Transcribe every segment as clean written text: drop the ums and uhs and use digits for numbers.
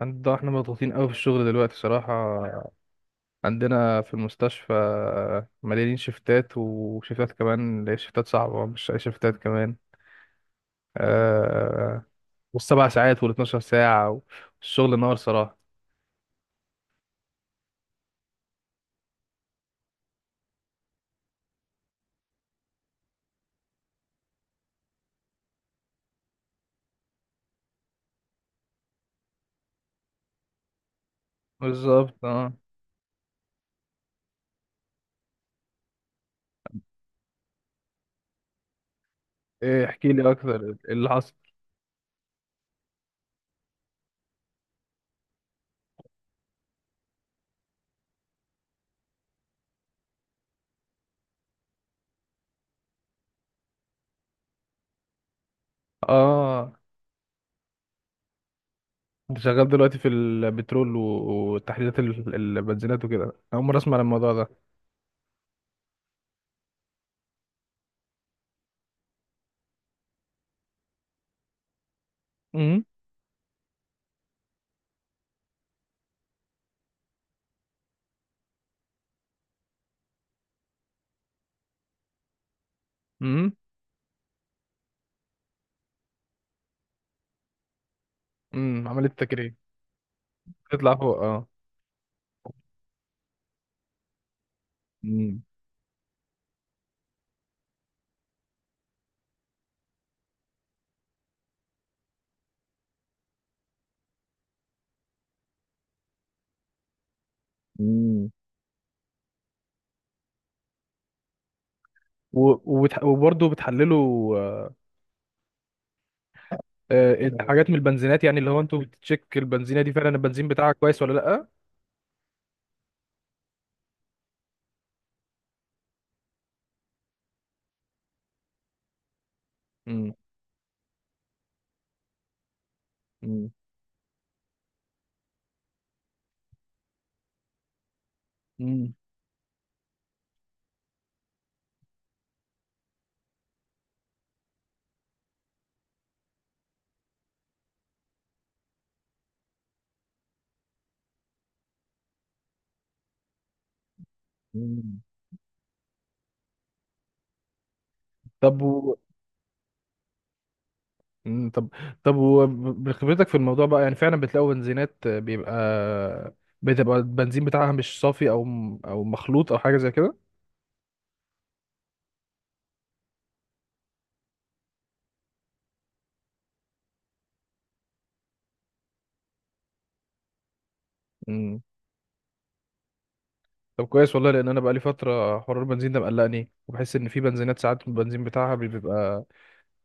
احنا مضغوطين قوي في الشغل دلوقتي صراحة. عندنا في المستشفى مليانين شفتات، وشفتات كمان اللي هي شفتات صعبة، مش أي شفتات كمان. آه والسبع ساعات والاتناشر ساعة، والشغل نار صراحة. بالظبط، ايه، احكي لي أكتر، إيه اللي حصل؟ اه انت شغال دلوقتي في البترول وتحليلات البنزينات وكده؟ أنا أول مرة أسمع عن الموضوع ده. امم امم عملية تكريم. تطلع فوق، اه. امم. و- وبرضه بتحللوا، حاجات من البنزينات، يعني اللي هو انتوا بتتشيك البنزينه دي فعلا البنزين بتاعك كويس ولا لا؟ مم. مم. مم. مم. طب مم، طب، طب وبخبرتك في الموضوع بقى، يعني فعلا بتلاقوا بنزينات بتبقى البنزين بتاعها مش صافي او او مخلوط او حاجه زي كده؟ مم. طب كويس والله، لان انا بقى لي فتره حوار البنزين ده مقلقني. وبحس ان في بنزينات ساعات البنزين بتاعها بيبقى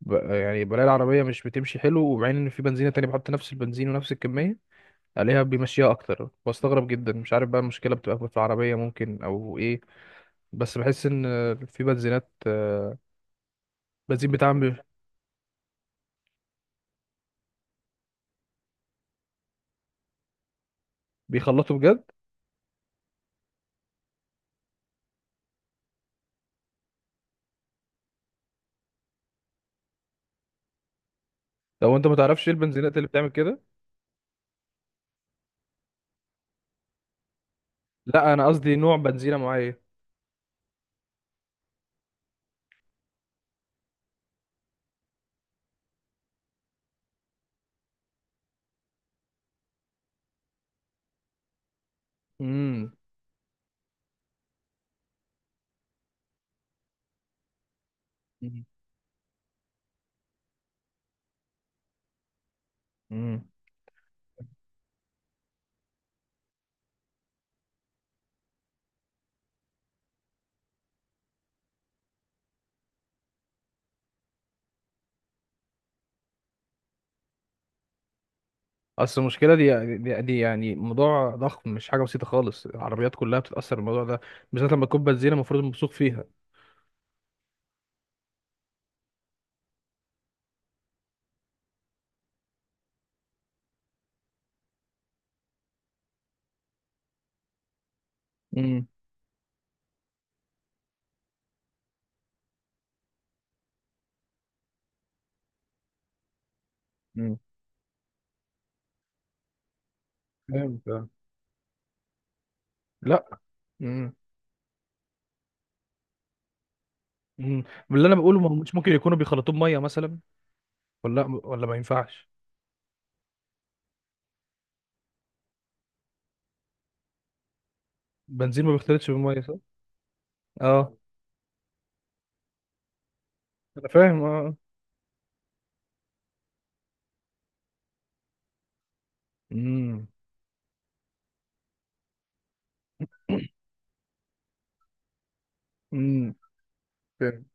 يعني بلاقي العربية مش بتمشي حلو، ومع ان في بنزينة تانية بحط نفس البنزين ونفس الكمية عليها بيمشيها اكتر. بستغرب جدا، مش عارف بقى المشكلة بتبقى في العربية ممكن او ايه، بس بحس ان في بنزينات بنزين بتاعهم بيخلطوا بجد. لو انت ما تعرفش ايه البنزينات اللي بتعمل كده؟ لا انا قصدي نوع بنزينة معين. امم. امم. اصل المشكلة دي يعني موضوع ضخم، مش حاجة بسيطة خالص. العربيات كلها بتتأثر بالموضوع ده، بالذات لما تكون بنزينة المفروض موثوق فيها. امم. امم. فهمت، آه. لا. امم. امم. من اللي انا بقوله، ما همش ممكن يكونوا بيخلطوه بميه مثلا ولا لا؟ ولا ما ينفعش؟ بنزين ما بيختلطش بالميه، صح؟ اه، انا فاهم، اه. امم. امم. فاهم.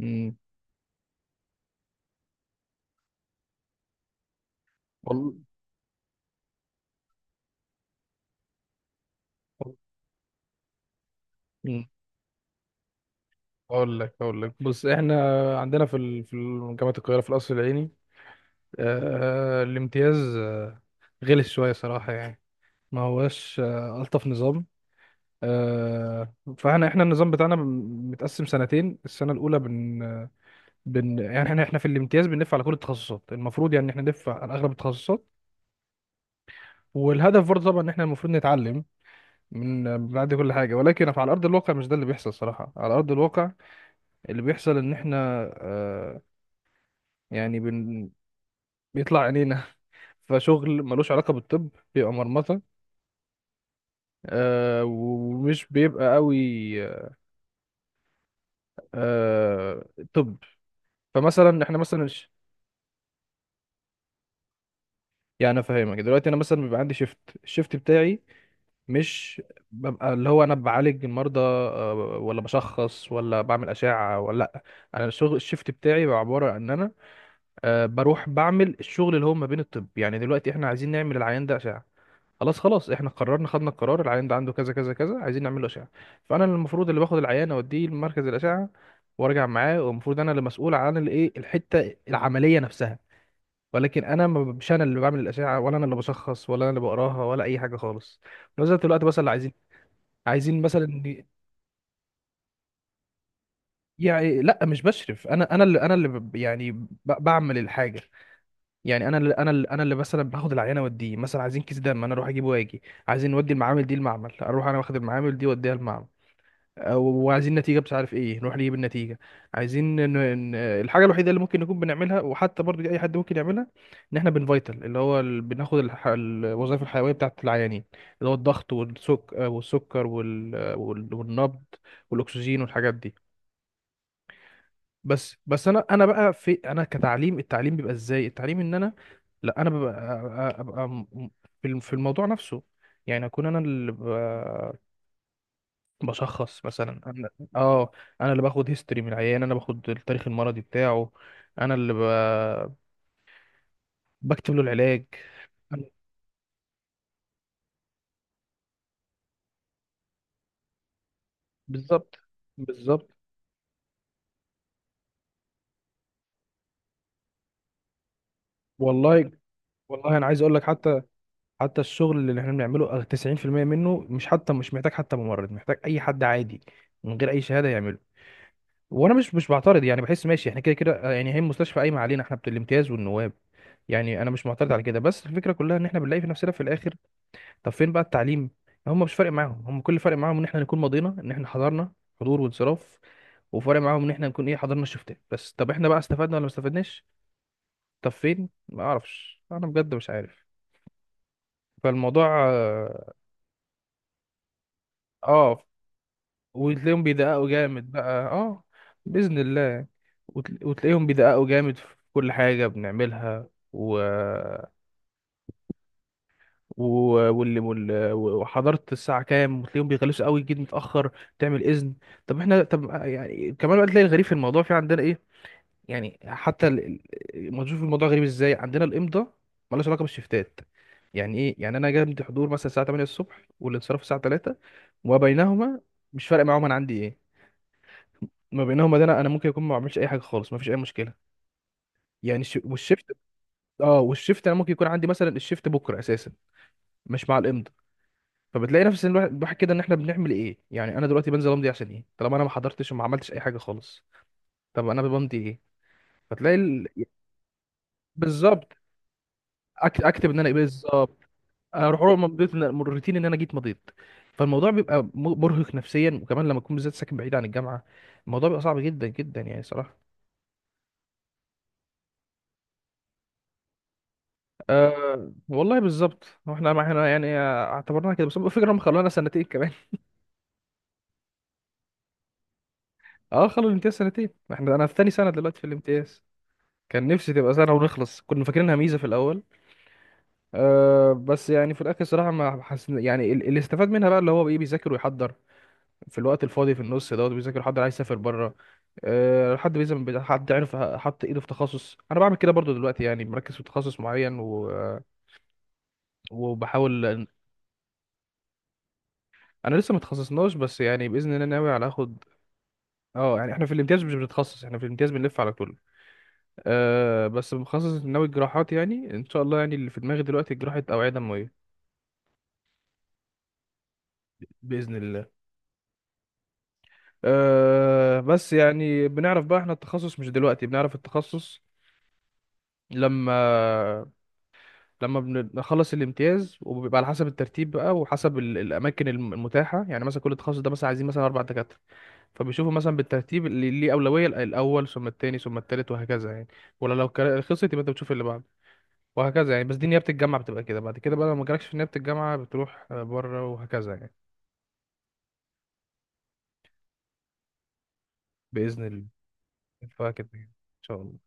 امم. والله. امم. اقول لك، بص، احنا عندنا في جامعه القاهره، في القصر العيني، الامتياز غلس شويه صراحه، يعني ما هوش الطف نظام. فاحنا النظام بتاعنا متقسم سنتين. السنه الاولى يعني احنا في الامتياز بنلف على كل التخصصات، المفروض يعني احنا نلف على اغلب التخصصات. والهدف برضه طبعا ان احنا المفروض نتعلم من بعد كل حاجه، ولكن على ارض الواقع مش ده اللي بيحصل صراحه. على ارض الواقع اللي بيحصل ان احنا يعني بن... بيطلع عينينا فشغل ملوش علاقه بالطب، بيبقى مرمطه، آه، ومش بيبقى قوي، آه. طب، فمثلا احنا مثلا يعني افهمك دلوقتي، انا مثلا بيبقى عندي شيفت. الشيفت بتاعي مش ببقى اللي هو انا بعالج المرضى، ولا بشخص ولا بعمل اشعه، ولا لا. انا الشغل، الشيفت بتاعي، بيبقى عباره عن ان انا بروح بعمل الشغل اللي هو ما بين الطب. يعني دلوقتي احنا عايزين نعمل العيان ده اشعه، خلاص، احنا قررنا، خدنا القرار، العيان ده عنده كذا كذا كذا، عايزين نعمل له اشعه. فانا المفروض اللي باخد العيان اوديه لمركز الاشعه وارجع معاه، والمفروض انا اللي مسؤول عن الايه، الحته العمليه نفسها. ولكن انا مش انا اللي بعمل الاشعه، ولا انا اللي بشخص، ولا انا اللي بقراها، ولا اي حاجه خالص. نزلت الوقت بس اللي عايزين، عايزين مثلا يعني لا مش بشرف، انا يعني بعمل الحاجه. يعني انا اللي مثلا باخد العينه واديه، مثلا عايزين كيس دم انا اروح اجيبه واجي، عايزين نودي المعامل دي المعمل، اروح انا واخد المعامل دي واديها المعمل، وعايزين نتيجه، مش عارف ايه، نروح نجيب النتيجه، عايزين الحاجه الوحيده اللي ممكن نكون بنعملها، وحتى برضو دي اي حد ممكن يعملها، ان احنا بنفايتل، اللي هو بناخد الوظائف الحيويه بتاعت العيانين، اللي هو الضغط والسكر والنبض والاكسجين والحاجات دي. بس، بس انا بقى في انا كتعليم، التعليم بيبقى ازاي؟ التعليم ان انا، لا انا ببقى، ابقى في في الموضوع نفسه، يعني اكون انا اللي بشخص مثلا. انا، اه، انا اللي باخد هيستوري من العيان، انا باخد التاريخ المرضي بتاعه، انا اللي بكتب له العلاج. أنا- بالظبط. بالظبط. والله، والله انا عايز اقول لك، حتى الشغل اللي احنا بنعمله 90% منه مش حتى مش محتاج حتى ممرض، محتاج اي حد عادي من غير اي شهادة يعمله. وانا مش بعترض، يعني بحس ماشي، احنا كده كده، يعني هي المستشفى قايمه علينا احنا بتاع الامتياز والنواب. يعني انا مش معترض على كده، بس الفكره كلها ان احنا بنلاقي في نفسنا في الاخر، طب فين بقى التعليم؟ هم مش فارق معاهم، هم كل فارق معاهم ان احنا نكون مضينا، ان احنا حضرنا، حضور وانصراف. وفارق معاهم ان احنا نكون ايه، حضرنا الشفتات بس. طب احنا بقى استفدنا ولا ما استفدناش؟ طب فين؟ ما اعرفش انا بجد، مش عارف. فالموضوع، اه، آه، وتلاقيهم بيدققوا جامد بقى، اه. بإذن الله. وتلاقيهم بيدققوا جامد في كل حاجة بنعملها، و... وحضارة الساعة كام، وتلاقيهم بيغلسوا قوي جدا، متأخر تعمل إذن. طب احنا، طب يعني كمان بقى، تلاقي الغريب في الموضوع في عندنا ايه، يعني حتى ما تشوف الموضوع غريب ازاي، عندنا الإمضاء مالهاش علاقة بالشفتات. يعني ايه؟ يعني انا جنب حضور مثلا الساعة 8 الصبح والانصراف الساعة 3، وما بينهما مش فارق معاهم انا عندي ايه. ما بينهم وبين انا، أنا ممكن يكون ما بعملش اي حاجه خالص، ما فيش اي مشكله. يعني والشيفت، اه، والشيفت انا ممكن يكون عندي مثلا الشيفت بكره اساسا، مش مع الامضاء. فبتلاقي نفس الواحد، كده ان احنا بنعمل ايه؟ يعني انا دلوقتي بنزل امضي عشان ايه، طالما انا ما حضرتش وما عملتش اي حاجه خالص؟ طب انا بمضي ايه؟ فتلاقي بالظبط. اكتب ان انا ايه بالظبط. اروح، مضيت من الروتين، ان انا جيت مضيت. فالموضوع بيبقى مرهق نفسيا، وكمان لما تكون بالذات ساكن بعيد عن الجامعه، الموضوع بيبقى صعب جدا جدا يعني صراحه. أه والله بالظبط، هو احنا، ما احنا يعني اعتبرناها كده، بس هو الفكره هم خلونا سنتين كمان. اه، خلوا الامتياز سنتين، احنا، انا في تاني سنه دلوقتي في الامتياز. كان نفسي تبقى سنه ونخلص، كنا فاكرينها ميزه في الاول. أه، بس يعني في الاخر صراحه ما حس، يعني اللي استفاد منها بقى اللي هو ايه، بيذاكر ويحضر في الوقت الفاضي، في النص دوت بيذاكر ويحضر، عايز يسافر بره، أه، حد بيزم حد عرف حط ايده في تخصص، انا بعمل كده برضو دلوقتي، يعني مركز في تخصص معين وبحاول. انا لسه ما اتخصصناش، بس يعني باذن الله ناوي على اخد. اه، يعني احنا في الامتياز مش بنتخصص، احنا في الامتياز بنلف على طول. أه، بس بنخصص، ناوي الجراحات يعني، ان شاء الله يعني اللي في دماغي دلوقتي جراحة اوعية دموية. باذن الله. أه بس يعني بنعرف بقى احنا التخصص، مش دلوقتي بنعرف التخصص. لما لما بنخلص الامتياز، وبيبقى على حسب الترتيب بقى، وحسب الاماكن المتاحة. يعني مثلا كل تخصص ده مثلا عايزين مثلا اربع دكاترة، فبيشوفوا مثلا بالترتيب اللي ليه اولوية، الاول ثم التاني ثم التالت وهكذا يعني. ولا خلصت، يبقى انت بتشوف اللي بعده وهكذا يعني. بس دي نيابة الجامعة بتبقى كده، بعد كده بقى لو ما جالكش في نيابة الجامعة بتروح بره وهكذا يعني. بإذن الله. فكده يعني. إن شاء الله.